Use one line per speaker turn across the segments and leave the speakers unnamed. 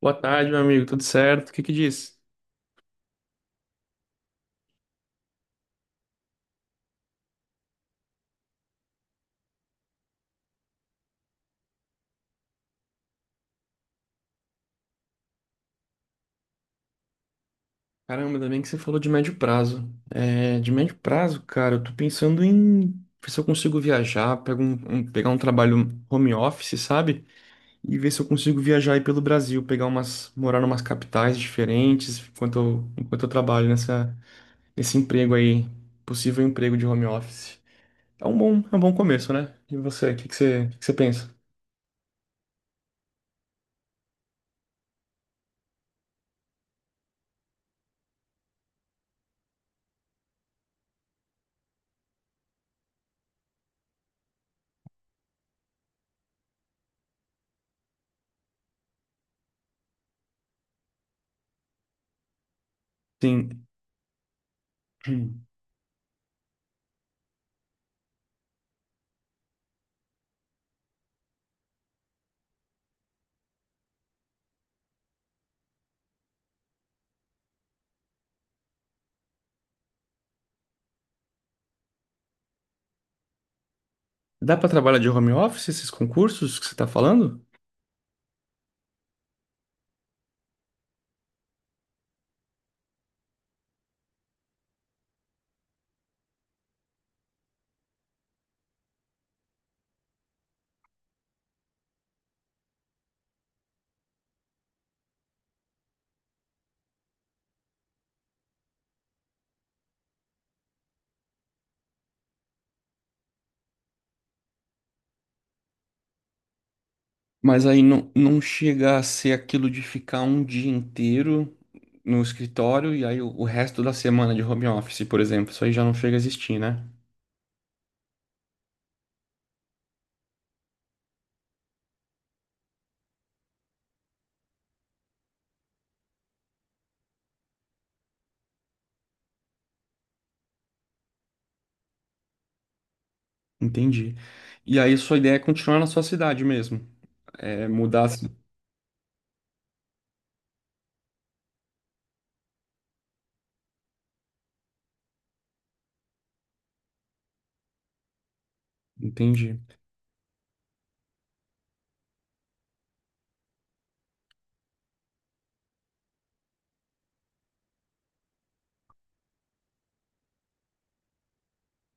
Boa tarde, meu amigo, tudo certo? O que que diz? Caramba, ainda bem que você falou de médio prazo. É, de médio prazo, cara, eu tô pensando em ver se eu consigo viajar, pegar um trabalho home office, sabe? E ver se eu consigo viajar aí pelo Brasil, pegar umas, morar em umas capitais diferentes enquanto eu trabalho nessa, nesse emprego aí, possível emprego de home office. É um bom começo, né? E você, o que que você pensa? Sim. Dá pra trabalhar de home office esses concursos que você tá falando? Mas aí não, não chega a ser aquilo de ficar um dia inteiro no escritório e aí o resto da semana de home office, por exemplo. Isso aí já não chega a existir, né? Entendi. E aí sua ideia é continuar na sua cidade mesmo. É mudar. Entendi.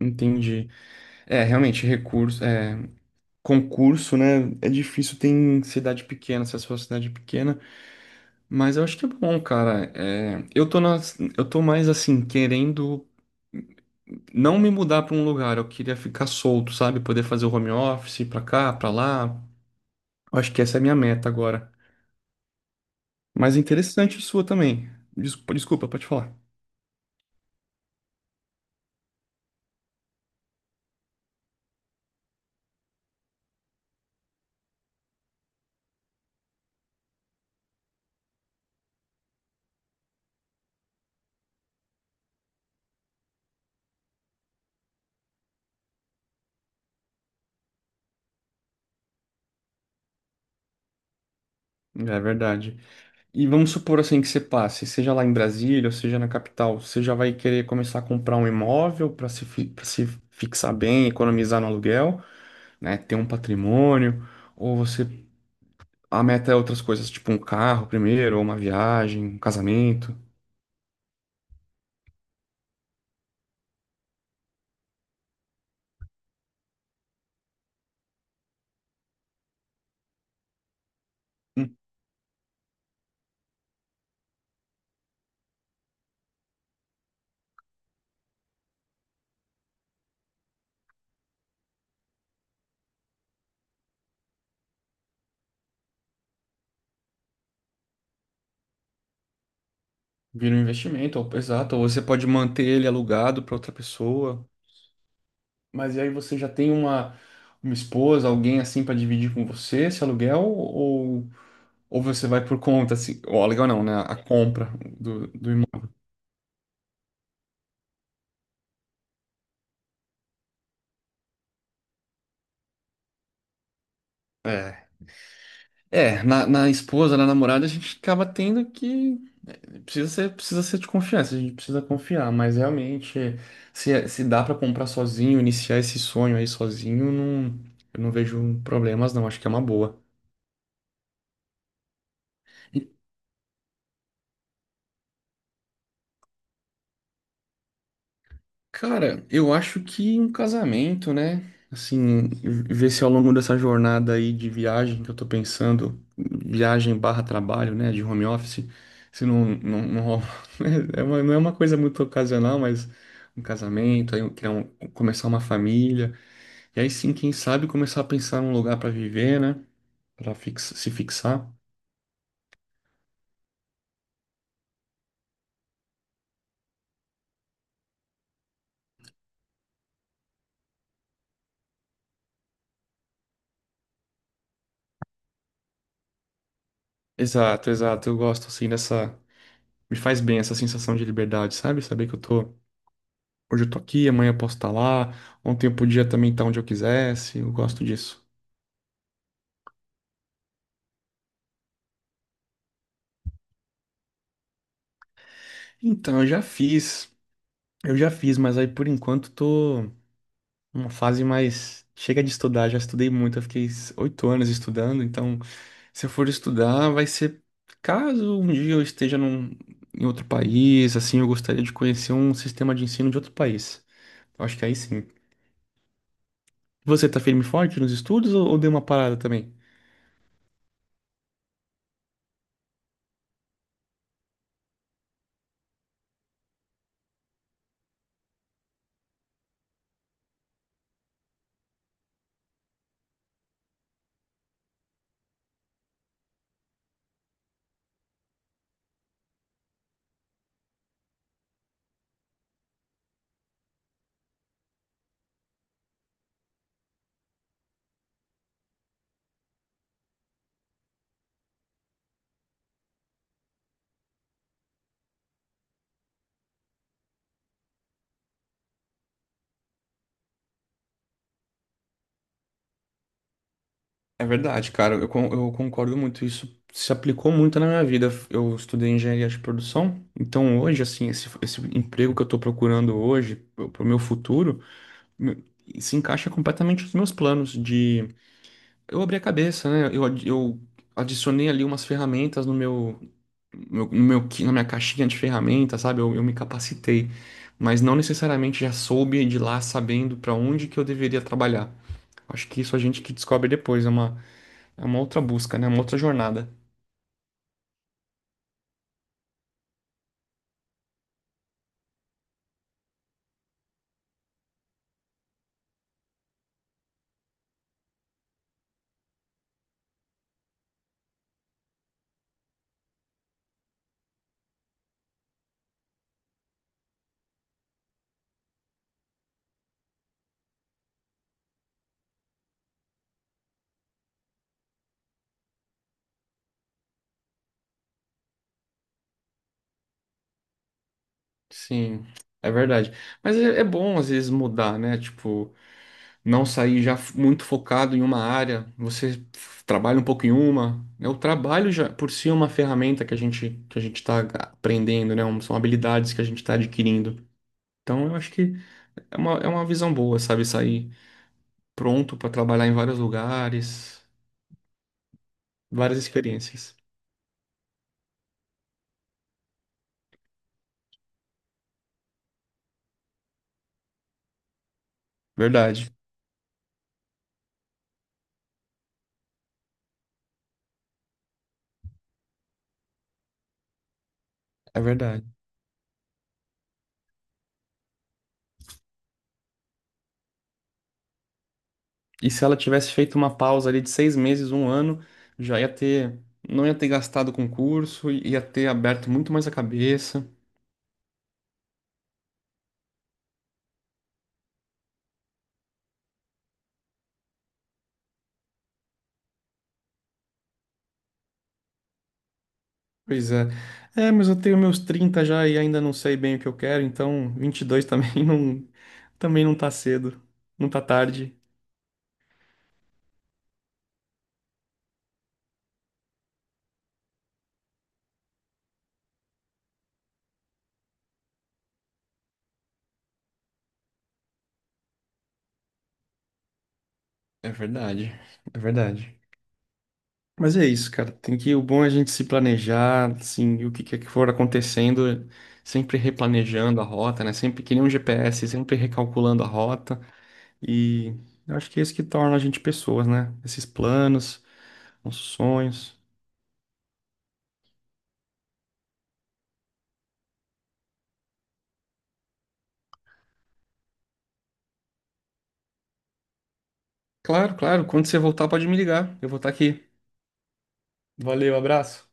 Entendi. É, realmente, concurso, né? É difícil, tem cidade pequena, se a sua cidade é pequena, mas eu acho que é bom, cara. É, eu tô mais assim, querendo. Não me mudar para um lugar, eu queria ficar solto, sabe? Poder fazer o home office ir para cá, para lá. Eu acho que essa é a minha meta agora. Mas interessante sua também. Desculpa, pode falar. É verdade. E vamos supor assim que você passe, seja lá em Brasília, ou seja na capital, você já vai querer começar a comprar um imóvel para se, pra se fixar bem, economizar no aluguel, né? Ter um patrimônio, ou você a meta é outras coisas, tipo um carro primeiro, ou uma viagem, um casamento. Vira um investimento, exato. Ou você pode manter ele alugado para outra pessoa. Mas e aí você já tem uma esposa, alguém assim para dividir com você esse aluguel? Ou você vai por conta, assim, o aluguel não, né? A compra do, do imóvel. É, é na, na esposa, na namorada, a gente acaba tendo que. Precisa ser de confiança, a gente precisa confiar. Mas realmente, se dá para comprar sozinho, iniciar esse sonho aí sozinho, não, eu não vejo problemas, não. Acho que é uma boa. Cara, eu acho que um casamento, né? Assim, ver se ao longo dessa jornada aí de viagem que eu tô pensando, viagem barra trabalho, né? De home office, se não, não, não rola. Não é uma coisa muito ocasional, mas um casamento, começar uma família, e aí sim, quem sabe começar a pensar num lugar pra viver, né? Se fixar. Exato, exato. Eu gosto assim dessa. Me faz bem essa sensação de liberdade, sabe? Saber que eu tô. Hoje eu tô aqui, amanhã eu posso estar lá, ontem eu podia também estar onde eu quisesse, eu gosto disso. Então, eu já fiz, mas aí por enquanto tô numa fase mais. Chega de estudar, já estudei muito, 8 anos estudando, então se eu for estudar, vai ser caso um dia eu esteja num, em outro país, assim, eu gostaria de conhecer um sistema de ensino de outro país. Eu acho que aí sim. Você tá firme e forte nos estudos ou deu uma parada também? É verdade, cara. Eu concordo muito. Isso se aplicou muito na minha vida. Eu estudei engenharia de produção, então hoje, assim, esse emprego que eu estou procurando hoje, para o meu futuro, me- se encaixa completamente nos meus planos de... Eu abri a cabeça, né? Eu adicionei ali umas ferramentas no meu, na minha caixinha de ferramentas, sabe? Eu me capacitei, mas não necessariamente já soube de lá sabendo para onde que eu deveria trabalhar. Acho que isso a gente que descobre depois, é uma outra busca, né? Uma outra jornada. Sim, é verdade. Mas é, é bom às vezes mudar, né? Tipo, não sair já f- muito focado em uma área. Trabalha um pouco em uma. Né? O trabalho já por si é uma ferramenta que a gente está aprendendo, né? São habilidades que a gente está adquirindo. Então eu acho que é uma visão boa, sabe? Sair pronto para trabalhar em vários lugares, várias experiências. Verdade, é verdade. E se ela tivesse feito uma pausa ali de 6 meses, um ano, já ia ter, não ia ter gastado com curso, ia ter aberto muito mais a cabeça. Pois é. É, mas eu tenho meus 30 já e ainda não sei bem o que eu quero, então 22 também não, também não tá cedo, não tá tarde. É verdade, é verdade. Mas é isso, cara. Tem que, o bom é a gente se planejar, assim, e o que quer que for acontecendo, sempre replanejando a rota, né? Sempre que nem um GPS, sempre recalculando a rota. E eu acho que é isso que torna a gente pessoas, né? Esses planos, nossos sonhos. Claro, claro. Quando você voltar, pode me ligar. Eu vou estar aqui. Valeu, abraço.